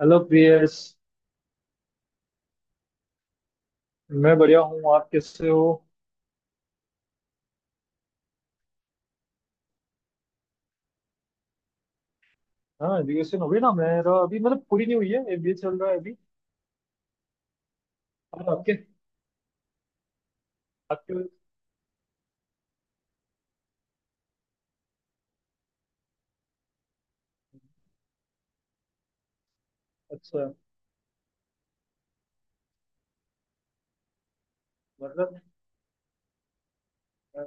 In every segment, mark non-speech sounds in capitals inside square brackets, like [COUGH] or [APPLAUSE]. Hello Priyas. मैं बढ़िया हूँ, आप कैसे हो? हाँ, एजुकेशन हो गई ना। मेरा अभी मतलब पूरी नहीं हुई है, एमबीए चल रहा है अभी। और आपके? आपके अच्छा। मतलब अ,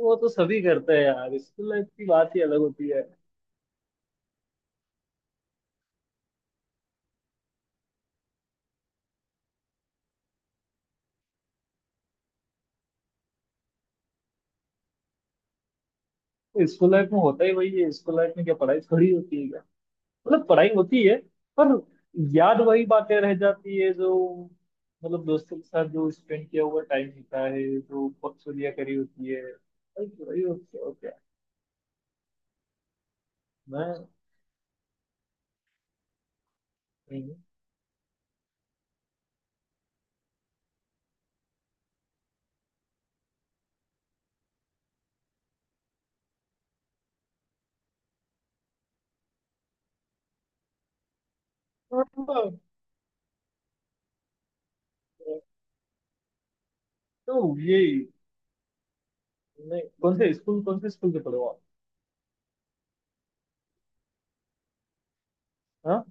वो तो सभी करते हैं यार, स्कूल लाइफ की बात ही अलग होती है। स्कूल लाइफ में होता ही वही है, स्कूल लाइफ में क्या पढ़ाई थोड़ी होती है क्या? मतलब पढ़ाई होती है, पर याद वही बातें रह जाती है जो मतलब दोस्तों के साथ जो स्पेंड किया हुआ टाइम होता है, जो पक्सुलियाँ करी होती है, वही वही होती है और क्या। मैं, हाँ, तो ये नहीं कौन से स्कूल, कौन से स्कूल से पढ़े हो आप? हाँ।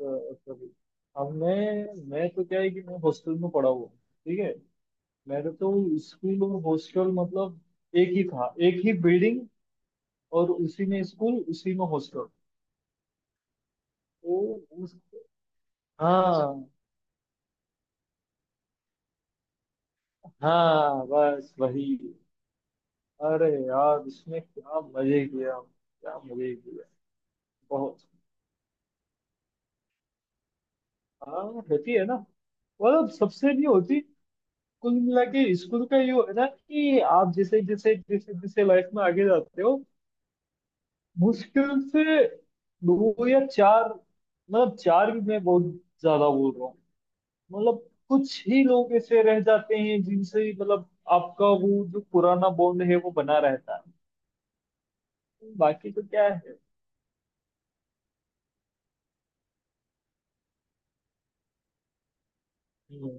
अ, sorry. अब मैं तो क्या है कि मैं हॉस्टल में पढ़ा हुआ हूँ, ठीक है। मेरे तो स्कूल और हॉस्टल मतलब एक ही था, एक ही बिल्डिंग और उसी में स्कूल उसी में हॉस्टल। तो उस हाँ हाँ, बस वही। अरे यार, इसमें क्या मजे किया क्या मजे किया। बहुत। हाँ, होती है ना। मतलब सबसे नहीं होती। कुल मिला के स्कूल का ये है ना कि आप जैसे जैसे लाइफ में आगे जाते हो, मुश्किल से दो या चार, मतलब चार भी मैं बहुत ज्यादा बोल रहा हूँ। मतलब कुछ ही लोग ऐसे रह जाते हैं जिनसे ही मतलब आपका वो जो पुराना बॉन्ड है वो बना रहता है, बाकी तो क्या है। हम्म,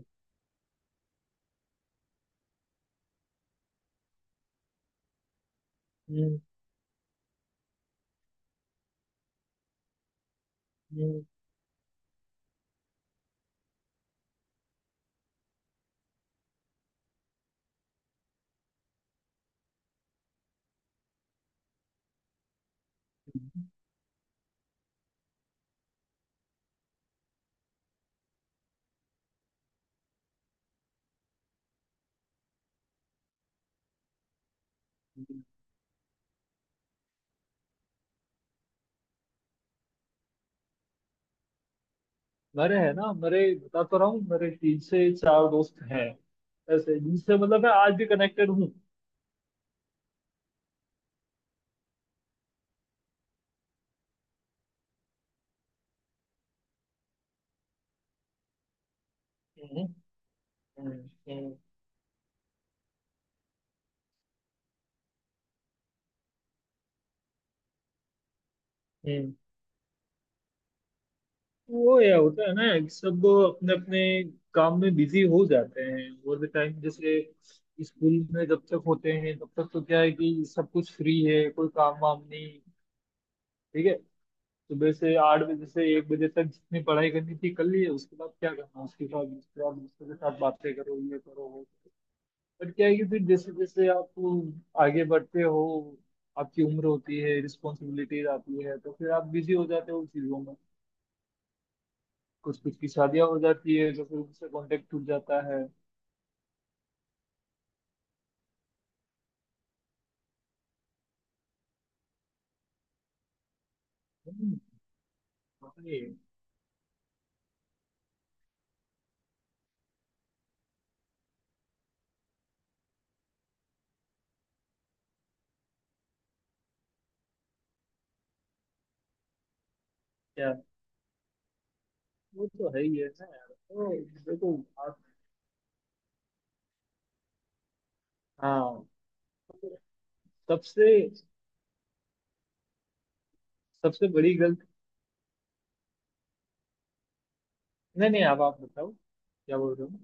हम्म, हम्म, हम्म। मेरे है ना, मेरे बता तो रहा हूँ, मेरे 3 से 4 दोस्त हैं ऐसे जिनसे मतलब मैं आज भी कनेक्टेड हूँ। हम्म, हम्म, हम्म। वो या होता है ना, सब अपने अपने काम में बिजी हो जाते हैं और द टाइम जैसे स्कूल में जब तक होते हैं तब तक तो क्या है कि सब कुछ फ्री है, कोई काम वाम नहीं। ठीक है, सुबह से 8 बजे से 1 बजे तक जितनी पढ़ाई करनी थी कर ली है, उसके बाद क्या करना, उसके बाद दोस्तों के साथ बातें करो, ये करो वो करो। पर क्या है कि फिर जैसे जैसे आप आगे बढ़ते हो, आपकी उम्र होती है, रिस्पॉन्सिबिलिटीज आती है, तो फिर आप बिजी हो जाते हो उन चीजों में। कुछ कुछ की शादियां हो जाती है तो फिर उनसे कांटेक्ट टूट जाता है। हम्म, भाई, क्या, वो तो है ही है ना यार। तो देखो, आप, हाँ, सबसे सबसे बड़ी गलती, नहीं नहीं, आप बताओ क्या बोल रहे हो।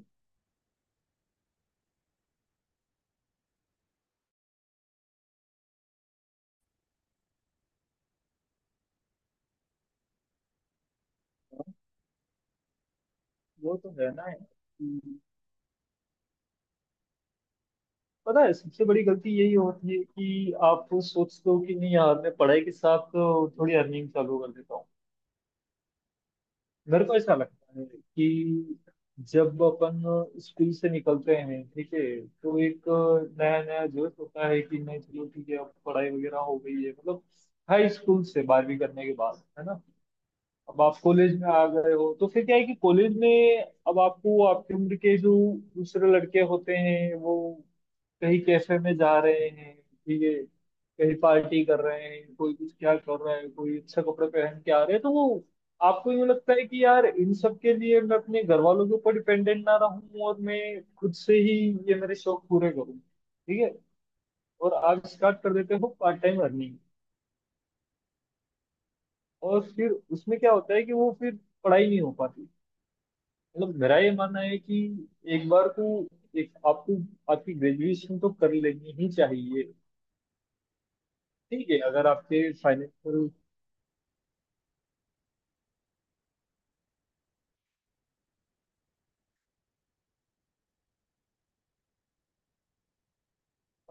वो तो है ना यार कि पता है, सबसे बड़ी गलती यही होती है कि आप सोचते हो कि नहीं यार, मैं पढ़ाई के साथ तो थोड़ी अर्निंग चालू कर देता हूँ। मेरे को ऐसा लगता है कि जब अपन स्कूल से निकलते हैं, ठीक है, तो एक नया नया जोश होता है कि नहीं चलो ठीक है, अब पढ़ाई वगैरह हो गई है मतलब हाई स्कूल से बारहवीं करने के बाद है ना। अब आप कॉलेज में आ गए हो तो फिर क्या है कि कॉलेज में अब आपको आपकी उम्र के जो दूसरे लड़के होते हैं वो कहीं कैफे में जा रहे हैं, ठीक है, कहीं पार्टी कर रहे हैं, कोई कुछ क्या कर रहा है, कोई अच्छा कपड़े पहन के आ रहे हैं, तो वो आपको यूँ लगता है कि यार, इन सब के लिए मैं अपने घर वालों के ऊपर डिपेंडेंट ना रहूं और मैं खुद से ही ये मेरे शौक पूरे करूँ, ठीक है, और आप स्टार्ट कर देते हो पार्ट टाइम अर्निंग। और फिर उसमें क्या होता है कि वो फिर पढ़ाई नहीं हो पाती। मतलब मेरा ये मानना है कि एक बार को, एक, आपको आपकी ग्रेजुएशन तो कर लेनी ही चाहिए, ठीक है, अगर आपके फाइनेंशियल।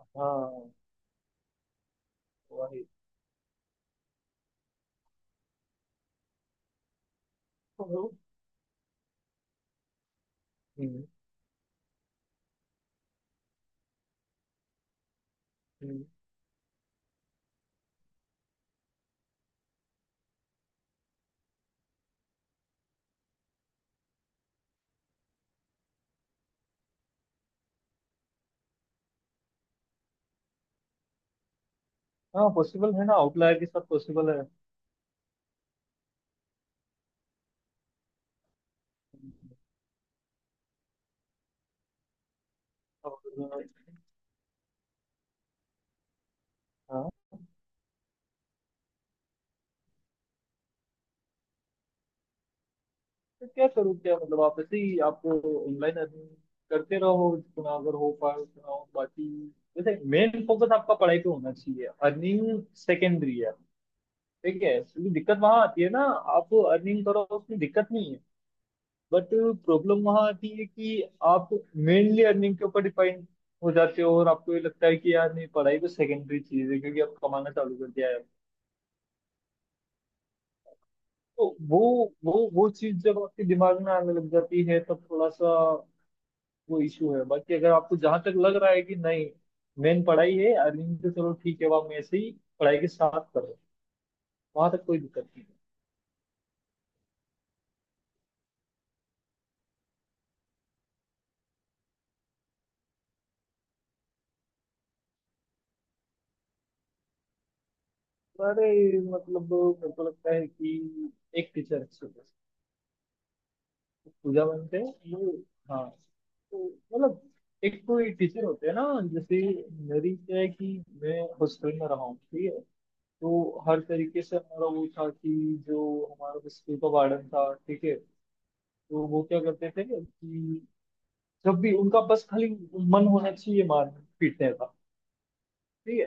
हाँ, वही, तो, हम्म, हम्म, हाँ, पॉसिबल है ना, आउटलायर के साथ पॉसिबल है। और, हाँ, तो क्या करूँ क्या? मतलब आप ऐसे ही, आपको ऑनलाइन अर्निंग करते रहो, जितना अगर हो पाए उतना हो, बाकी जैसे मेन फोकस आपका पढ़ाई पे होना चाहिए, अर्निंग सेकेंडरी है। ठीक है, क्योंकि दिक्कत वहां आती है ना, आप अर्निंग करो उसमें दिक्कत नहीं है, बट प्रॉब्लम वहां आती है कि आप मेनली अर्निंग के ऊपर डिपेंड हो जाते हो और आपको ये लगता है कि यार नहीं, पढ़ाई तो सेकेंडरी चीज है क्योंकि आप कमाना चालू कर दिया है। तो वो वो चीज जब आपके दिमाग में आने लग जाती है तब थोड़ा सा वो इशू है, बाकी अगर आपको जहां तक लग रहा है कि नहीं, मेन पढ़ाई है, अर्निंग तो चलो ठीक है, वो आप ऐसे ही पढ़ाई के साथ करो, वहां तक कोई दिक्कत नहीं। अरे मतलब मेरे को लगता है कि एक टीचर अच्छी थी, पूजा बनते हैं वो, हाँ। तो मतलब एक कोई टीचर होते हैं ना जैसे, मेरी क्या है कि मैं हॉस्टल में रहा हूँ, ठीक है, तो हर तरीके से हमारा वो था कि जो हमारा स्कूल का वार्डन था, ठीक है, तो वो क्या करते थे कि जब भी उनका बस खाली मन होना चाहिए मार पीटने का, ठीक है।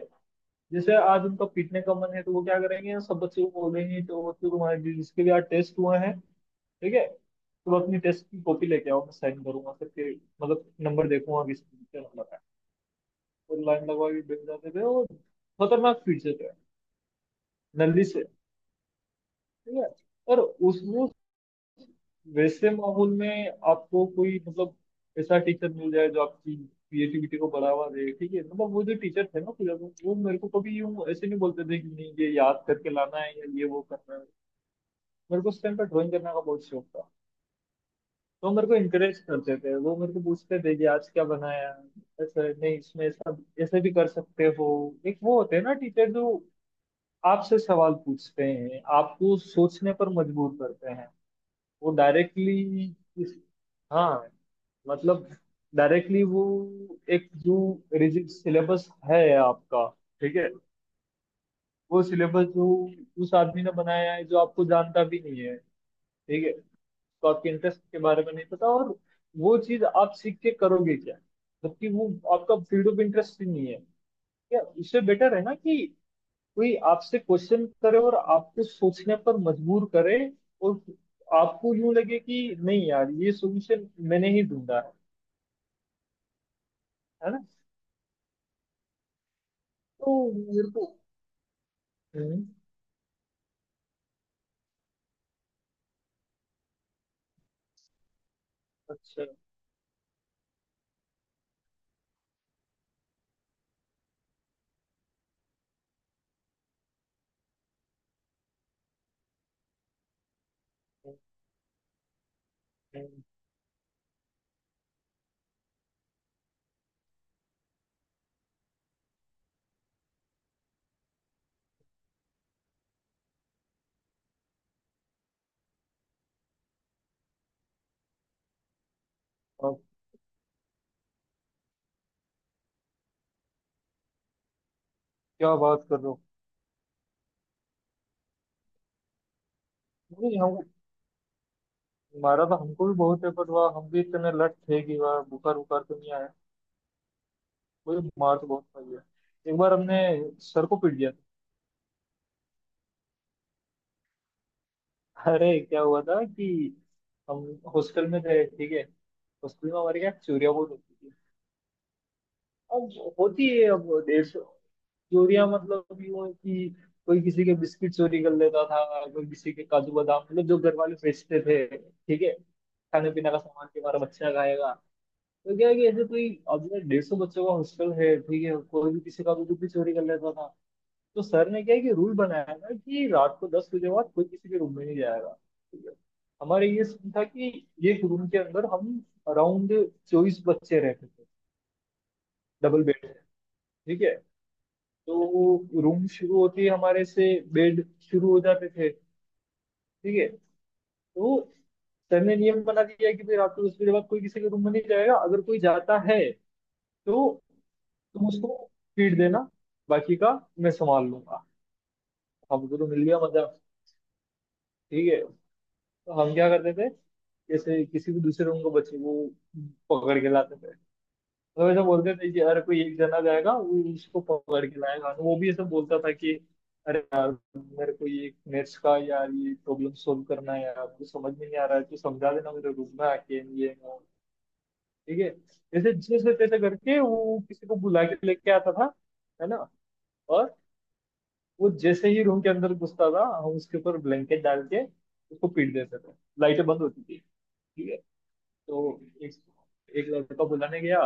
जैसे आज उनका पीटने का मन है तो वो क्या करेंगे, सब बच्चों को बोलेंगे तो बच्चों, तुम्हारे जिसके भी आज टेस्ट हुआ है, ठीक है, तुम तो अपनी टेस्ट की कॉपी लेके आओ, मैं साइन करूंगा सबके, मतलब नंबर देखूंगा किस क्या नंबर है। और लाइन लगवा के बैठ जाते थे और खतरनाक स्पीड से थे नल्ली से, ठीक है। और उस वैसे माहौल में आपको कोई मतलब ऐसा टीचर मिल जाए जो आपकी क्रिएटिविटी को बढ़ावा दे, ठीक है। मतलब वो जो टीचर थे ना पूजा को, वो मेरे को कभी यूं ऐसे नहीं बोलते थे कि नहीं ये याद करके लाना है या ये वो करना है। मेरे को उस टाइम पर ड्राइंग करने का बहुत शौक था। वो मेरे को इंकरेज करते थे, वो मेरे को पूछते थे कि आज क्या बनाया, ऐसा नहीं, इसमें ऐसा, ऐसे भी कर सकते हो। एक वो होते हैं ना टीचर जो आपसे सवाल पूछते हैं, आपको सोचने पर मजबूर करते हैं। वो डायरेक्टली इस, हाँ, मतलब डायरेक्टली वो एक जो रिजिड सिलेबस है आपका, ठीक है, वो सिलेबस जो उस आदमी ने बनाया है जो आपको जानता भी नहीं है, ठीक है, तो आपके इंटरेस्ट के बारे में नहीं पता, और वो चीज आप सीख के करोगे क्या, जबकि वो आपका फील्ड ऑफ इंटरेस्ट ही नहीं है। या उससे बेटर है ना कि कोई आपसे क्वेश्चन करे और आपको सोचने पर मजबूर करे, और आपको यूं लगे कि नहीं यार, ये सॉल्यूशन मैंने ही ढूंढा है ना। तो मेरे को, हम्म, अच्छा, हम्म, अब क्या बात कर रहे हो। नहीं हम, हमारा तो हमको भी बहुत है, पर वाह हम भी इतने लट थे कि वाह, बुखार बुखार तो नहीं आया, मुझे मार तो बहुत पड़ी है। एक बार हमने सर को पीट दिया था। अरे क्या हुआ था कि हम हॉस्टल में थे, ठीक है, हॉस्टल में हमारे क्या चोरियां बहुत होती थी, अब होती है। अब 150, चोरियां मतलब यूं है कि कोई किसी के बिस्किट चोरी कर लेता था, कोई किसी के काजू बादाम, मतलब जो घर वाले बेचते थे, ठीक है, खाने पीने का सामान के हमारा बच्चा खाएगा। तो क्या है कि ऐसे कोई, अब 150 बच्चों का हॉस्टल है, ठीक है, कोई भी किसी का भी कुछ भी चोरी कर लेता था। तो सर ने क्या है कि रूल बनाया था कि रात को 10 बजे बाद कोई किसी के रूम में नहीं जाएगा, ठीक है। हमारे ये सीन था कि एक रूम के अंदर हम अराउंड 24 बच्चे रहते थे, डबल बेड है, ठीक है, तो रूम शुरू होते ही हमारे से बेड शुरू हो जाते थे, ठीक है। तो सर ने नियम बना दिया कि भाई रात को दस बजे बाद कोई किसी के रूम में नहीं जाएगा, अगर कोई जाता है तो तुम उसको फीड देना, बाकी का मैं संभाल लूंगा। हमको तो मिल गया मजा, ठीक है। तो हम क्या करते थे, जैसे किसी भी दूसरे रूम को बच्चे को पकड़ के लाते थे, तो ऐसा बोलते थे कि यार कोई एक जना जाएगा वो उसको पकड़ के लाएगा, वो भी ऐसा बोलता था कि अरे यार, मेरे को ये मैथ्स का यार ये प्रॉब्लम सोल्व करना है यार, मुझे समझ में नहीं आ रहा है, तो समझा देना मेरे रूम में आके ये वो। ठीक है, जैसे जैसे तैसे करके वो किसी को बुला के लेके आता था, है ना। और वो जैसे ही रूम के अंदर घुसता था हम उसके ऊपर ब्लैंकेट डाल के उसको पीट देते थे, लाइटें बंद होती थी, ठीक है। तो एक, एक लड़का बुलाने गया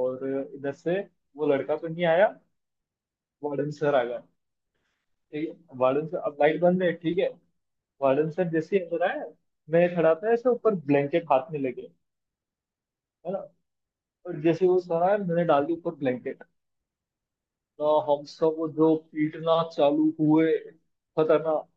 और इधर से वो लड़का तो नहीं आया, वार्डन सर आ गया, ठीक है। वार्डन सर, अब लाइट बंद है, ठीक है, वार्डन सर जैसे ही अंदर आया, मैं खड़ा था ऐसे ऊपर ब्लैंकेट हाथ में लेके, है ना, और जैसे वो सर आया मैंने डाल दी ऊपर ब्लैंकेट, ना हम सब वो जो पीटना चालू हुए, खतरनाक।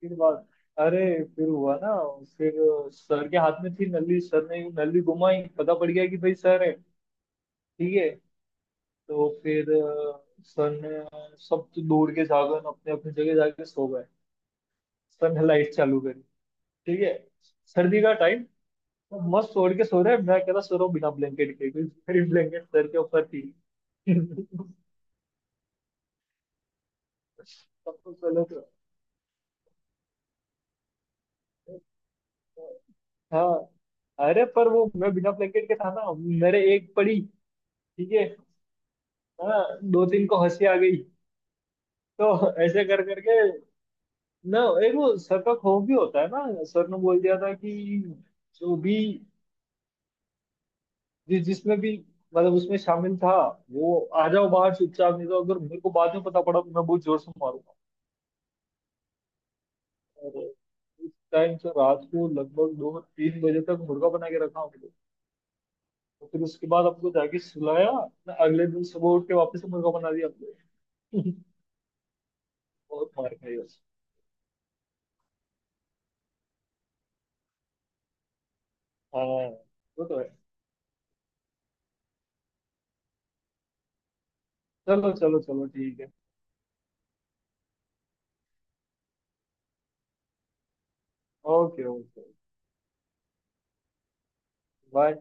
फिर बाद, अरे फिर हुआ ना, फिर सर के हाथ में थी नली, सर ने नली घुमाई, पता पड़ गया कि भाई सर है, ठीक है। तो फिर सन, सब तो दूर के जागन अपने अपनी जगह जाके सो गए, सन लाइट चालू करी, ठीक है। सर्दी का टाइम, तो मस्त ओढ़ के सो रहे हैं, मैं कह रहा सो रहा हूँ बिना ब्लैंकेट के, क्योंकि मेरी ब्लैंकेट सर के ऊपर थी। [LAUGHS] तब तो चलो, तो हाँ, अरे पर वो मैं बिना ब्लैंकेट के था ना, मेरे एक पड़ी, ठीक है। हाँ, दो तीन को हंसी आ गई, तो ऐसे कर करके ना। एक वो सर का खौफ भी होता है ना, सर ने बोल दिया था कि जो भी जिसमें भी मतलब उसमें शामिल था, वो आ जाओ बाहर चुपचाप, नहीं तो अगर मेरे को बाद में पता पड़ा तो मैं बहुत जोर से मारूंगा। और उस टाइम से रात को लगभग 2-3 बजे तक मुर्गा बना के रखा हमको। तो फिर उसके बाद हमको जाके सुलाया, मैं अगले दिन सुबह उठ के वापस से मुर्गा बना दिया हमको। [LAUGHS] बहुत मार खाई बस। हाँ, वो तो है। चलो चलो चलो ठीक है। Okay okay, bye.